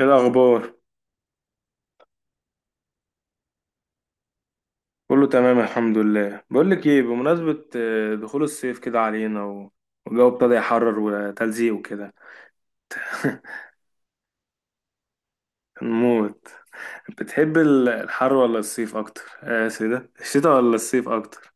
ايه الاخبار؟ كله تمام، الحمد لله. بقول لك ايه، بمناسبه دخول الصيف كده علينا والجو ابتدى يحرر وتلزيق وكده. نموت. بتحب الحر ولا الصيف اكتر؟ اسف، ده الشتاء ولا الصيف اكتر؟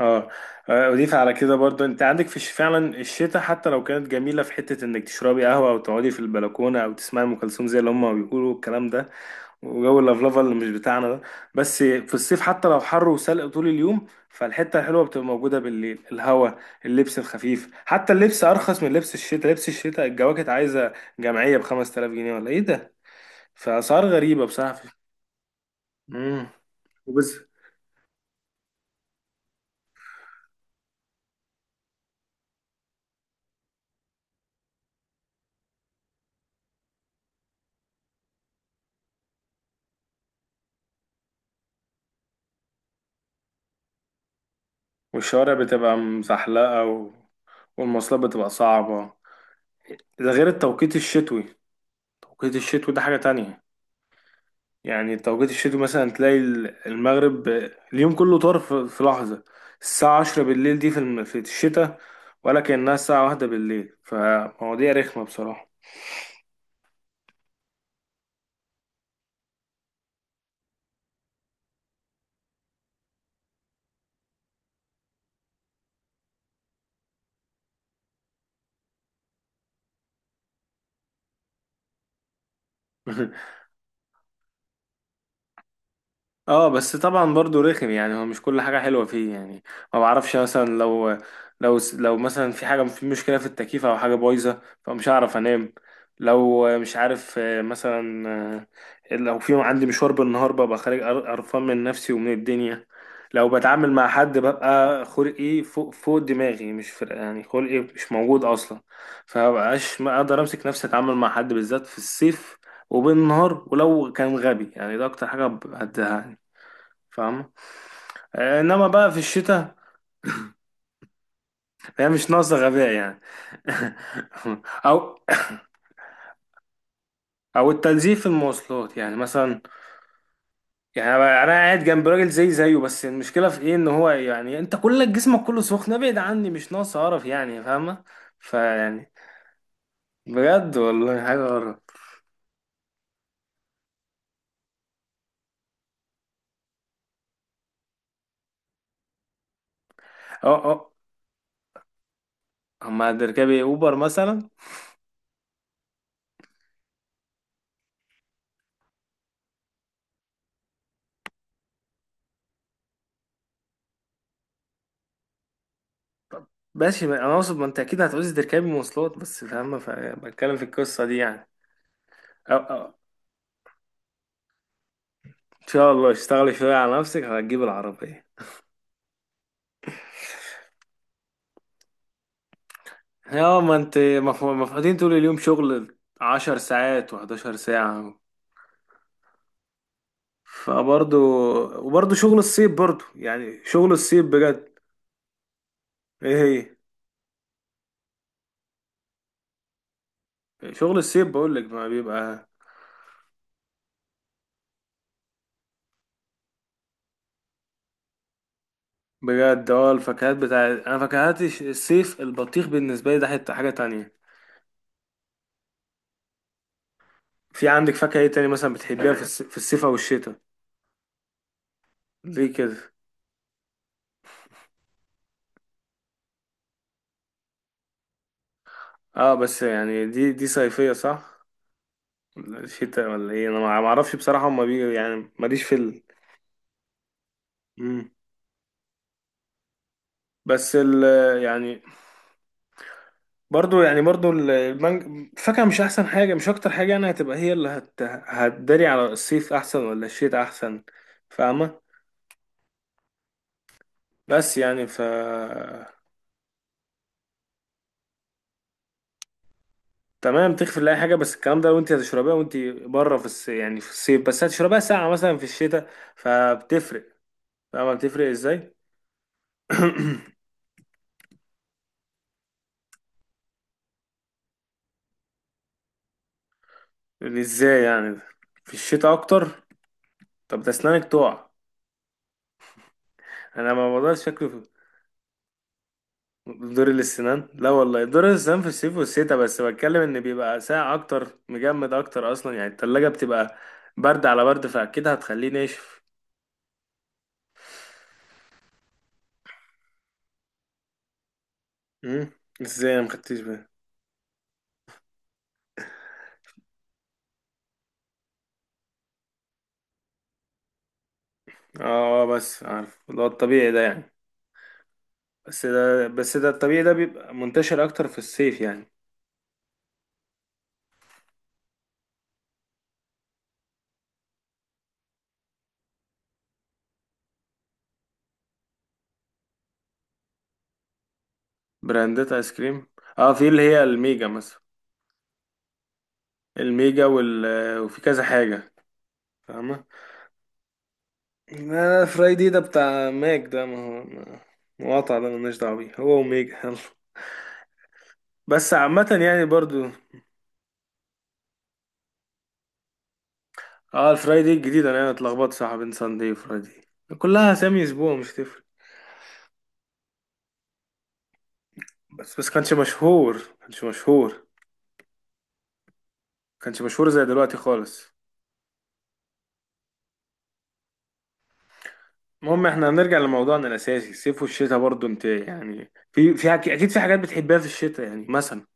اه. اضيف على كده برضو، انت عندك فعلا الشتاء حتى لو كانت جميله، في حته انك تشربي قهوه او تقعدي في البلكونه او تسمعي ام كلثوم زي اللي هم بيقولوا الكلام ده، وجو اللفلفه اللي مش بتاعنا ده. بس في الصيف حتى لو حر وسلق طول اليوم، فالحته الحلوه بتبقى موجوده بالليل، الهوا، اللبس الخفيف. حتى اللبس ارخص من لبس الشتاء، لبس الشتاء الجواكت عايزه جمعيه ب 5000 جنيه ولا ايه ده؟ فاسعار غريبه بصراحه. امم، وبس. والشوارع بتبقى مزحلقه، والمواصلات بتبقى صعبه. ده غير التوقيت الشتوي، توقيت الشتوي ده حاجه تانية. يعني توقيت الشتوي مثلا تلاقي المغرب اليوم كله طار في لحظة. الساعة عشرة بالليل دي في الشتاء ولا كأنها الساعة واحدة بالليل، فمواضيع رخمة بصراحة. اه، بس طبعا برضو رخم، يعني هو مش كل حاجة حلوة فيه يعني. ما بعرفش مثلا، لو لو مثلا في حاجة، في مشكلة في التكييف او حاجة بايظة، فمش هعرف انام. لو مش عارف، مثلا، لو في عندي مشوار بالنهار ببقى خارج، قرفان من نفسي ومن الدنيا. لو بتعامل مع حد ببقى خلقي فوق دماغي، مش فرق، يعني خلقي مش موجود اصلا. فمبقاش ما اقدر امسك نفسي اتعامل مع حد، بالذات في الصيف وبالنهار، ولو كان غبي يعني. ده اكتر حاجه هتزهقني، فاهم؟ انما بقى في الشتاء هي مش ناقصه غباء يعني. او او التنزيل في المواصلات، يعني مثلا، يعني انا قاعد جنب راجل زي زيه، بس المشكله في ايه؟ ان هو يعني انت كل جسمك كله سخن، ابعد عني مش ناقص قرف، يعني فاهمه؟ فيعني بجد والله حاجه قرف. اه، اه، اما تركبي اوبر مثلا. ماشي، انا اقصد ما انت اكيد هتعوزي تركبي مواصلات بس، فاهمه؟ فبتكلم في القصه دي يعني. اه، أه. ان شاء الله اشتغلي شوية على نفسك هتجيب العربية. يا ما انت مفقودين طول اليوم شغل، عشر ساعات وحداشر ساعة، فبرضو، وبرضو شغل الصيب، برضو يعني شغل الصيب بجد. ايه هي؟ شغل الصيب بقولك ما بيبقى. بجد، اه، الفاكهات بتاع، انا فاكهات الصيف، البطيخ بالنسبة لي ده حتة حاجة تانية. في عندك فاكهة ايه تاني مثلا بتحبيها في الصيف او الشتاء؟ ليه كده؟ اه بس يعني دي صيفية، صح؟ شتاء ولا ايه؟ انا ما اعرفش بصراحه، هما بي يعني ماليش في مم. بس ال، يعني، برضو يعني برضو ال- المانج الفاكهه مش احسن حاجه، مش اكتر حاجه. يعني هتبقى هي اللي هتداري على الصيف احسن ولا الشتاء احسن، فاهمه؟ بس يعني ف، تمام تغفر لاي حاجه، بس الكلام ده لو انت هتشربيها وانت بره يعني في الصيف، بس هتشربيها ساعه مثلا في الشتاء، فبتفرق. فاهمه بتفرق ازاي؟ ازاي يعني؟ في الشتاء اكتر؟ طب ده اسنانك تقع. انا ما بقدرش شكله في دور الاسنان، لا والله دور الاسنان في الصيف والشتاء، بس بتكلم ان بيبقى ساقع اكتر، مجمد اكتر اصلا، يعني التلاجة بتبقى برد على برد فاكيد هتخليه ناشف. امم. ازاي انا مخدتش بالي؟ اه، بس عارف اللي هو الطبيعي ده يعني. بس ده الطبيعي ده بيبقى منتشر اكتر في الصيف يعني. براندات ايس كريم، اه، في اللي هي الميجا مثلا، الميجا وفي كذا حاجة، فاهمة؟ لا، لا، فراي دي ده بتاع ماك ده، ما هو مقاطع، ده ملناش دعوة بيه هو وميجا، يلا بس عامة يعني برضو. اه، الفراي دي الجديدة، انا يعني اتلخبطت صح بين ساندي وفراي دي، كلها اسامي اسبوع، مش تفرق. بس كانش مشهور، كانش مشهور، كانش مشهور زي دلوقتي خالص. المهم احنا هنرجع لموضوعنا الاساسي، الصيف والشتاء، برضو انت يعني في اكيد في حاجات بتحبها في الشتاء، يعني مثلا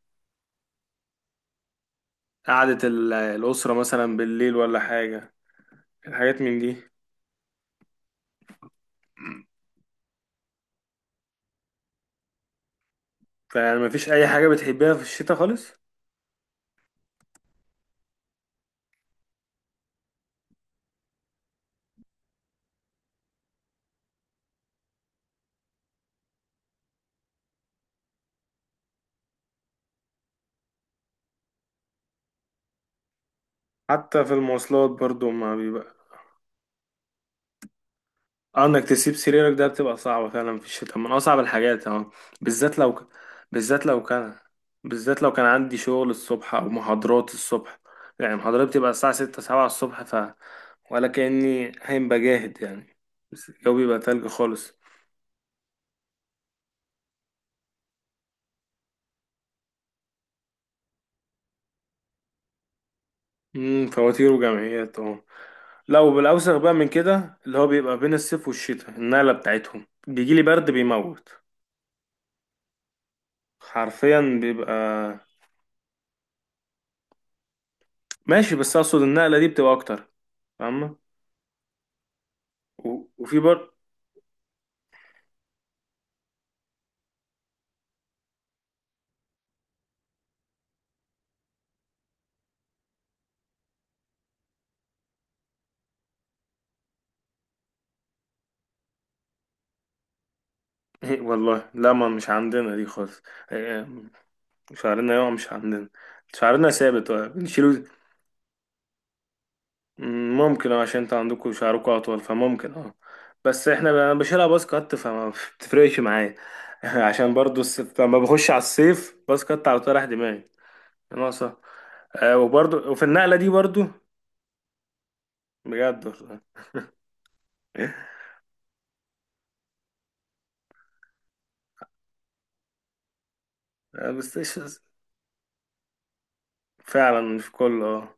قعدة الأسرة مثلا بالليل ولا حاجة، الحاجات من دي. فيعني مفيش أي حاجة بتحبها في الشتاء خالص؟ حتى في المواصلات برضو ما بيبقى. انك تسيب سريرك ده بتبقى صعبة فعلا، في الشتاء من اصعب الحاجات، اه. بالذات لو ك... بالذات لو كان بالذات لو كان عندي شغل الصبح او محاضرات الصبح يعني محاضرات بتبقى الساعة ستة سبعة الصبح ف ولا كأني هين بجاهد يعني بس الجو بيبقى تلج خالص فواتير وجمعيات اه لو بالاوسخ بقى من كده اللي هو بيبقى بين الصيف والشتاء النقلة بتاعتهم، بيجيلي برد بيموت، حرفيا بيبقى. ماشي، بس اقصد النقلة دي بتبقى اكتر، فاهمة؟ وفي برضه. والله لا، ما مش عندنا دي خالص. إيه، شعرنا يقع مش عندنا، شعرنا ثابت، بنشيله. مم، ممكن، اه، عشان انتوا عندكوا شعركوا اطول فممكن، اه. بس احنا انا بشيلها باص كات فما بتفرقش معايا، عشان برضه الصيف لما بخش على الصيف باص كات على طول رايح دماغي. ناقصة. آه، وبرضه وفي النقلة دي برضه، بجد والله. آه، بس إيش- فعلا مش كله، اه.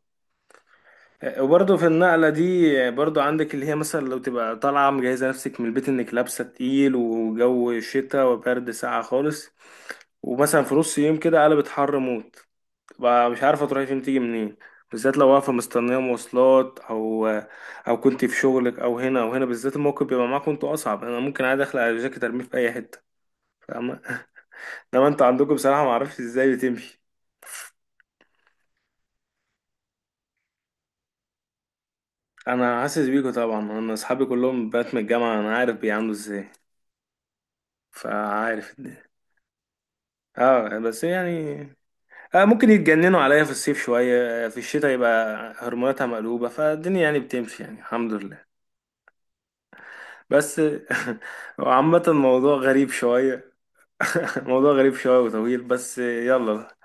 وبرضه في النقلة دي برضه عندك اللي هي مثلا، لو تبقى طالعة مجهزة نفسك من البيت انك لابسة تقيل وجو شتا وبرد ساقعة خالص، ومثلا في نص يوم كده قلبت حر موت، تبقى مش عارفة تروحي فين تيجي منين، بالذات لو واقفة مستنية مواصلات، أو أو كنت في شغلك أو هنا أو هنا. بالذات الموقف بيبقى معاكم انتوا أصعب، أنا ممكن عادي أخلع الجاكيت أرميه في أي حتة، فاهمة؟ إنما انتوا عندكم بصراحة معرفش ازاي بتمشي. أنا حاسس بيكوا طبعا، أنا أصحابي كلهم بنات من الجامعة، أنا عارف بيعملوا ازاي، فعارف اه بس يعني، آه، ممكن يتجننوا عليا في الصيف شوية، في الشتاء يبقى هرموناتها مقلوبة فالدنيا يعني بتمشي، يعني الحمد لله. بس عامة الموضوع غريب شوية. موضوع غريب شوية وطويل، بس يلا.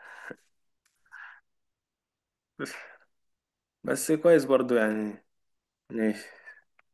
بس كويس برضو يعني. ماشي.